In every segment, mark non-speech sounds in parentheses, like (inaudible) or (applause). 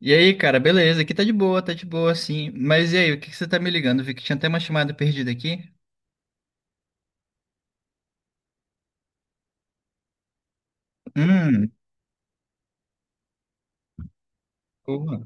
E aí, cara, beleza? Aqui tá de boa, sim. Mas e aí, o que que você tá me ligando? Vi que tinha até uma chamada perdida aqui. Hum, porra.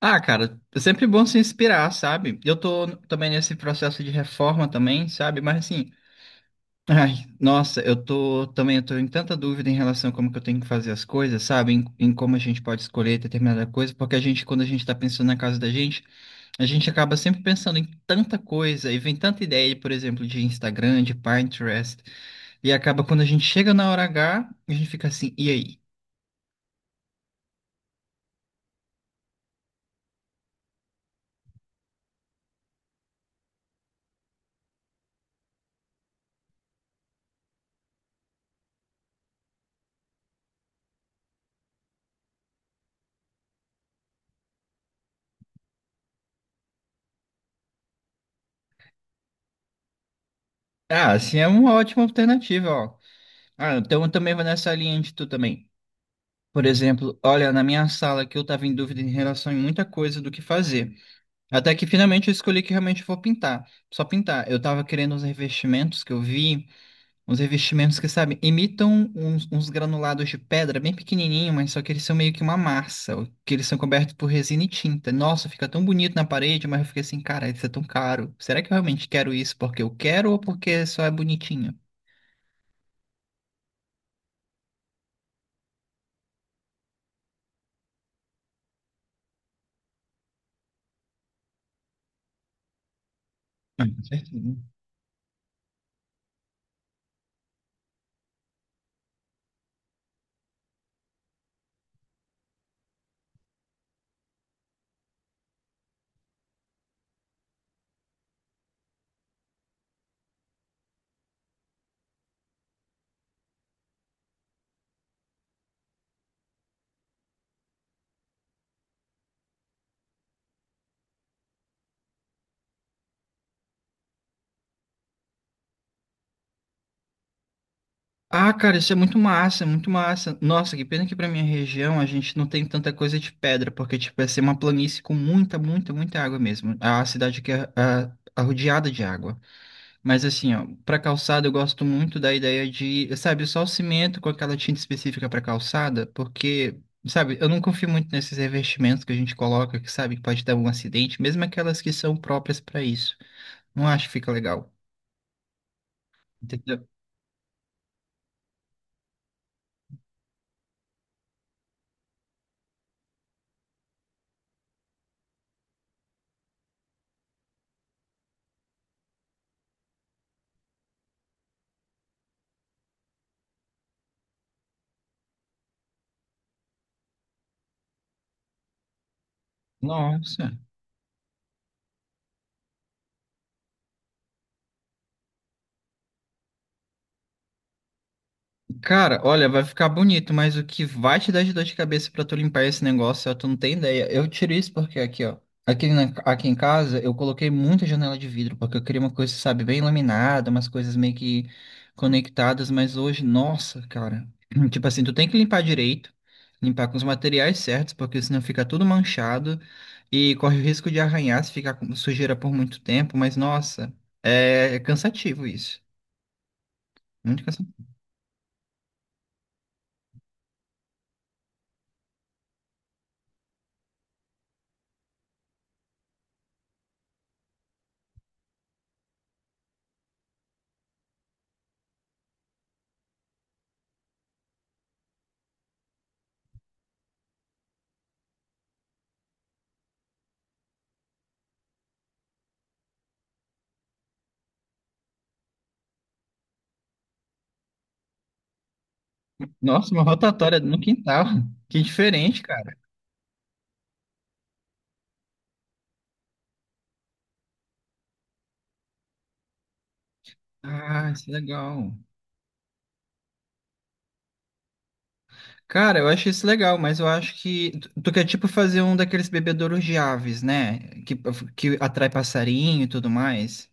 Ah, cara, é sempre bom se inspirar, sabe? Eu tô também nesse processo de reforma também, sabe? Mas assim, ai, nossa, eu tô também, eu tô em tanta dúvida em relação a como que eu tenho que fazer as coisas, sabe? Em como a gente pode escolher determinada coisa, porque a gente, quando a gente tá pensando na casa da gente, a gente acaba sempre pensando em tanta coisa, e vem tanta ideia, por exemplo, de Instagram, de Pinterest. E acaba quando a gente chega na hora H, a gente fica assim, e aí? Ah, assim é uma ótima alternativa, ó. Ah, então eu também vou nessa linha de tu também. Por exemplo, olha, na minha sala que eu tava em dúvida em relação a muita coisa do que fazer. Até que finalmente eu escolhi que realmente eu vou pintar. Só pintar. Eu tava querendo uns revestimentos que eu vi. Uns revestimentos que, sabe, imitam uns, uns granulados de pedra bem pequenininho, mas só que eles são meio que uma massa, que eles são cobertos por resina e tinta. Nossa, fica tão bonito na parede, mas eu fiquei assim, cara, isso é tão caro. Será que eu realmente quero isso porque eu quero ou porque só é bonitinho? Ah, com certeza. Ah, cara, isso é muito massa, é muito massa. Nossa, que pena que pra minha região a gente não tem tanta coisa de pedra, porque, tipo, ia ser uma planície com muita, muita, muita água mesmo. A cidade que é ah, arrodeada de água. Mas assim, ó, para calçada eu gosto muito da ideia de, sabe, só o cimento com aquela tinta específica para calçada, porque, sabe, eu não confio muito nesses revestimentos que a gente coloca, que sabe que pode dar um acidente, mesmo aquelas que são próprias para isso. Não acho que fica legal. Entendeu? Nossa. Cara, olha, vai ficar bonito, mas o que vai te dar de dor de cabeça pra tu limpar esse negócio, ó, tu não tem ideia. Eu tiro isso porque aqui, ó, aqui, aqui em casa eu coloquei muita janela de vidro, porque eu queria uma coisa, sabe, bem laminada, umas coisas meio que conectadas, mas hoje, nossa, cara, (clears throat) tipo assim, tu tem que limpar direito, limpar com os materiais certos, porque senão fica tudo manchado e corre o risco de arranhar se ficar com sujeira por muito tempo, mas nossa, é cansativo isso, muito. Nossa, uma rotatória no quintal. Que diferente, cara. Ah, isso é legal. Cara, eu acho isso legal, mas eu acho que tu quer tipo fazer um daqueles bebedouros de aves, né? Que, que atrai passarinho e tudo mais.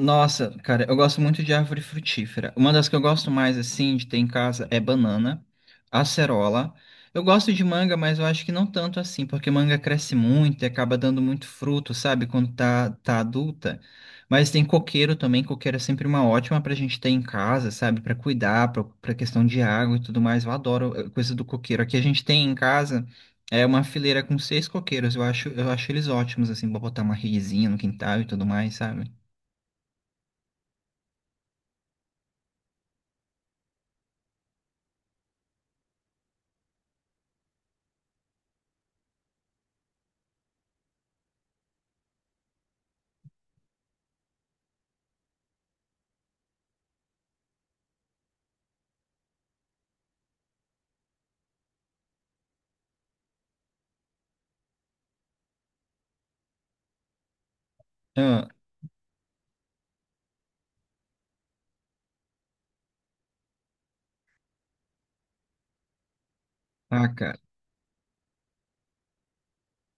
Nossa, cara, eu gosto muito de árvore frutífera. Uma das que eu gosto mais, assim, de ter em casa é banana, acerola. Eu gosto de manga, mas eu acho que não tanto assim, porque manga cresce muito e acaba dando muito fruto, sabe, quando tá adulta. Mas tem coqueiro também, coqueiro é sempre uma ótima pra gente ter em casa, sabe, pra cuidar, pra, pra questão de água e tudo mais. Eu adoro coisa do coqueiro. Aqui a gente tem em casa é uma fileira com seis coqueiros. Eu acho eles ótimos, assim, pra botar uma redezinha no quintal e tudo mais, sabe? Ah, ah, cara.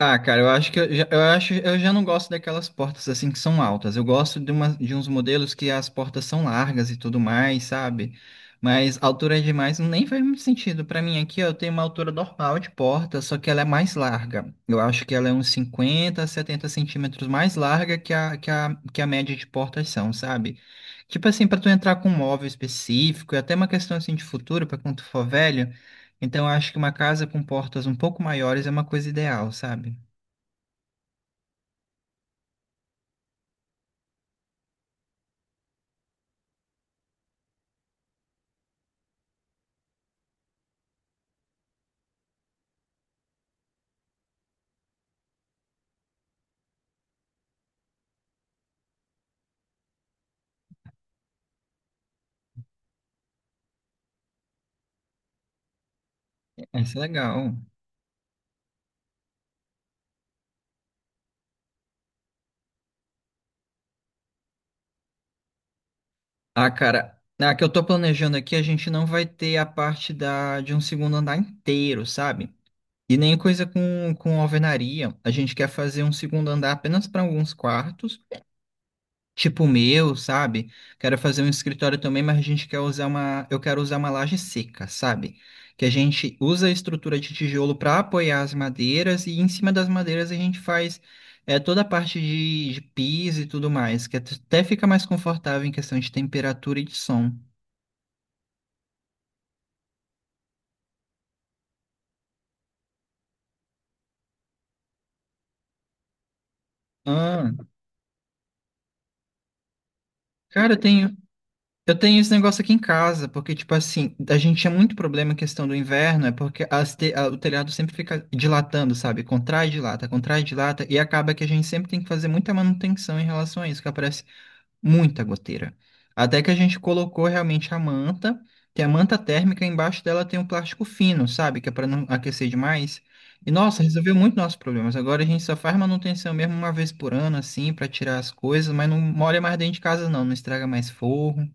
Ah, cara, eu acho que eu já, eu acho, eu já não gosto daquelas portas assim que são altas. Eu gosto de, uma, de uns modelos que as portas são largas e tudo mais, sabe? Mas altura é demais nem faz muito sentido. Pra mim aqui, ó, eu tenho uma altura normal de porta, só que ela é mais larga. Eu acho que ela é uns 50, 70 centímetros mais larga que a, que a média de portas são, sabe? Tipo assim, pra tu entrar com um móvel específico, e até uma questão assim de futuro, pra quando tu for velho. Então, eu acho que uma casa com portas um pouco maiores é uma coisa ideal, sabe? Isso é legal. Ah, cara, na que eu tô planejando aqui, a gente não vai ter a parte de um segundo andar inteiro, sabe? E nem coisa com alvenaria. A gente quer fazer um segundo andar apenas para alguns quartos tipo o meu, sabe? Quero fazer um escritório também, mas a gente quer usar eu quero usar uma laje seca, sabe? Que a gente usa a estrutura de tijolo para apoiar as madeiras e em cima das madeiras a gente faz é, toda a parte de piso e tudo mais, que até fica mais confortável em questão de temperatura e de som. Ah, cara, tem. Eu tenho esse negócio aqui em casa, porque, tipo assim, a gente tinha muito problema em questão do inverno, é porque o telhado sempre fica dilatando, sabe? Contrai, dilata, e acaba que a gente sempre tem que fazer muita manutenção em relação a isso, que aparece muita goteira. Até que a gente colocou realmente a manta, tem a manta térmica, embaixo dela tem um plástico fino, sabe? Que é para não aquecer demais. E, nossa, resolveu muito nossos problemas. Agora a gente só faz manutenção mesmo uma vez por ano, assim, para tirar as coisas, mas não molha mais dentro de casa, não, não estraga mais forro.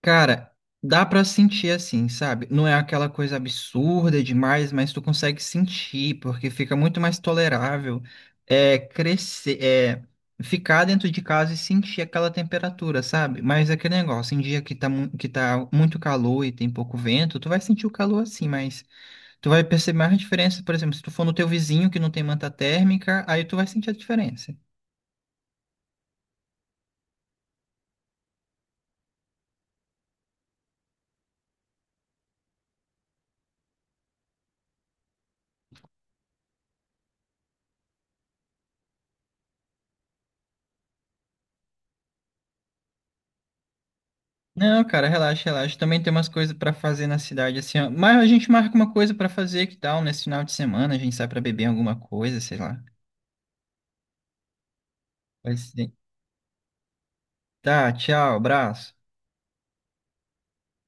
Cara, dá pra sentir assim, sabe? Não é aquela coisa absurda demais, mas tu consegue sentir, porque fica muito mais tolerável é crescer, é ficar dentro de casa e sentir aquela temperatura, sabe? Mas é aquele negócio, em dia que tá, que tá muito calor e tem pouco vento, tu vai sentir o calor assim, mas tu vai perceber mais a diferença, por exemplo, se tu for no teu vizinho que não tem manta térmica, aí tu vai sentir a diferença. Não, cara, relaxa, relaxa. Também tem umas coisas pra fazer na cidade, assim, ó. Mas a gente marca uma coisa pra fazer, que tal? Nesse final de semana a gente sai pra beber alguma coisa, sei lá. Vai ser. Tá, tchau, abraço.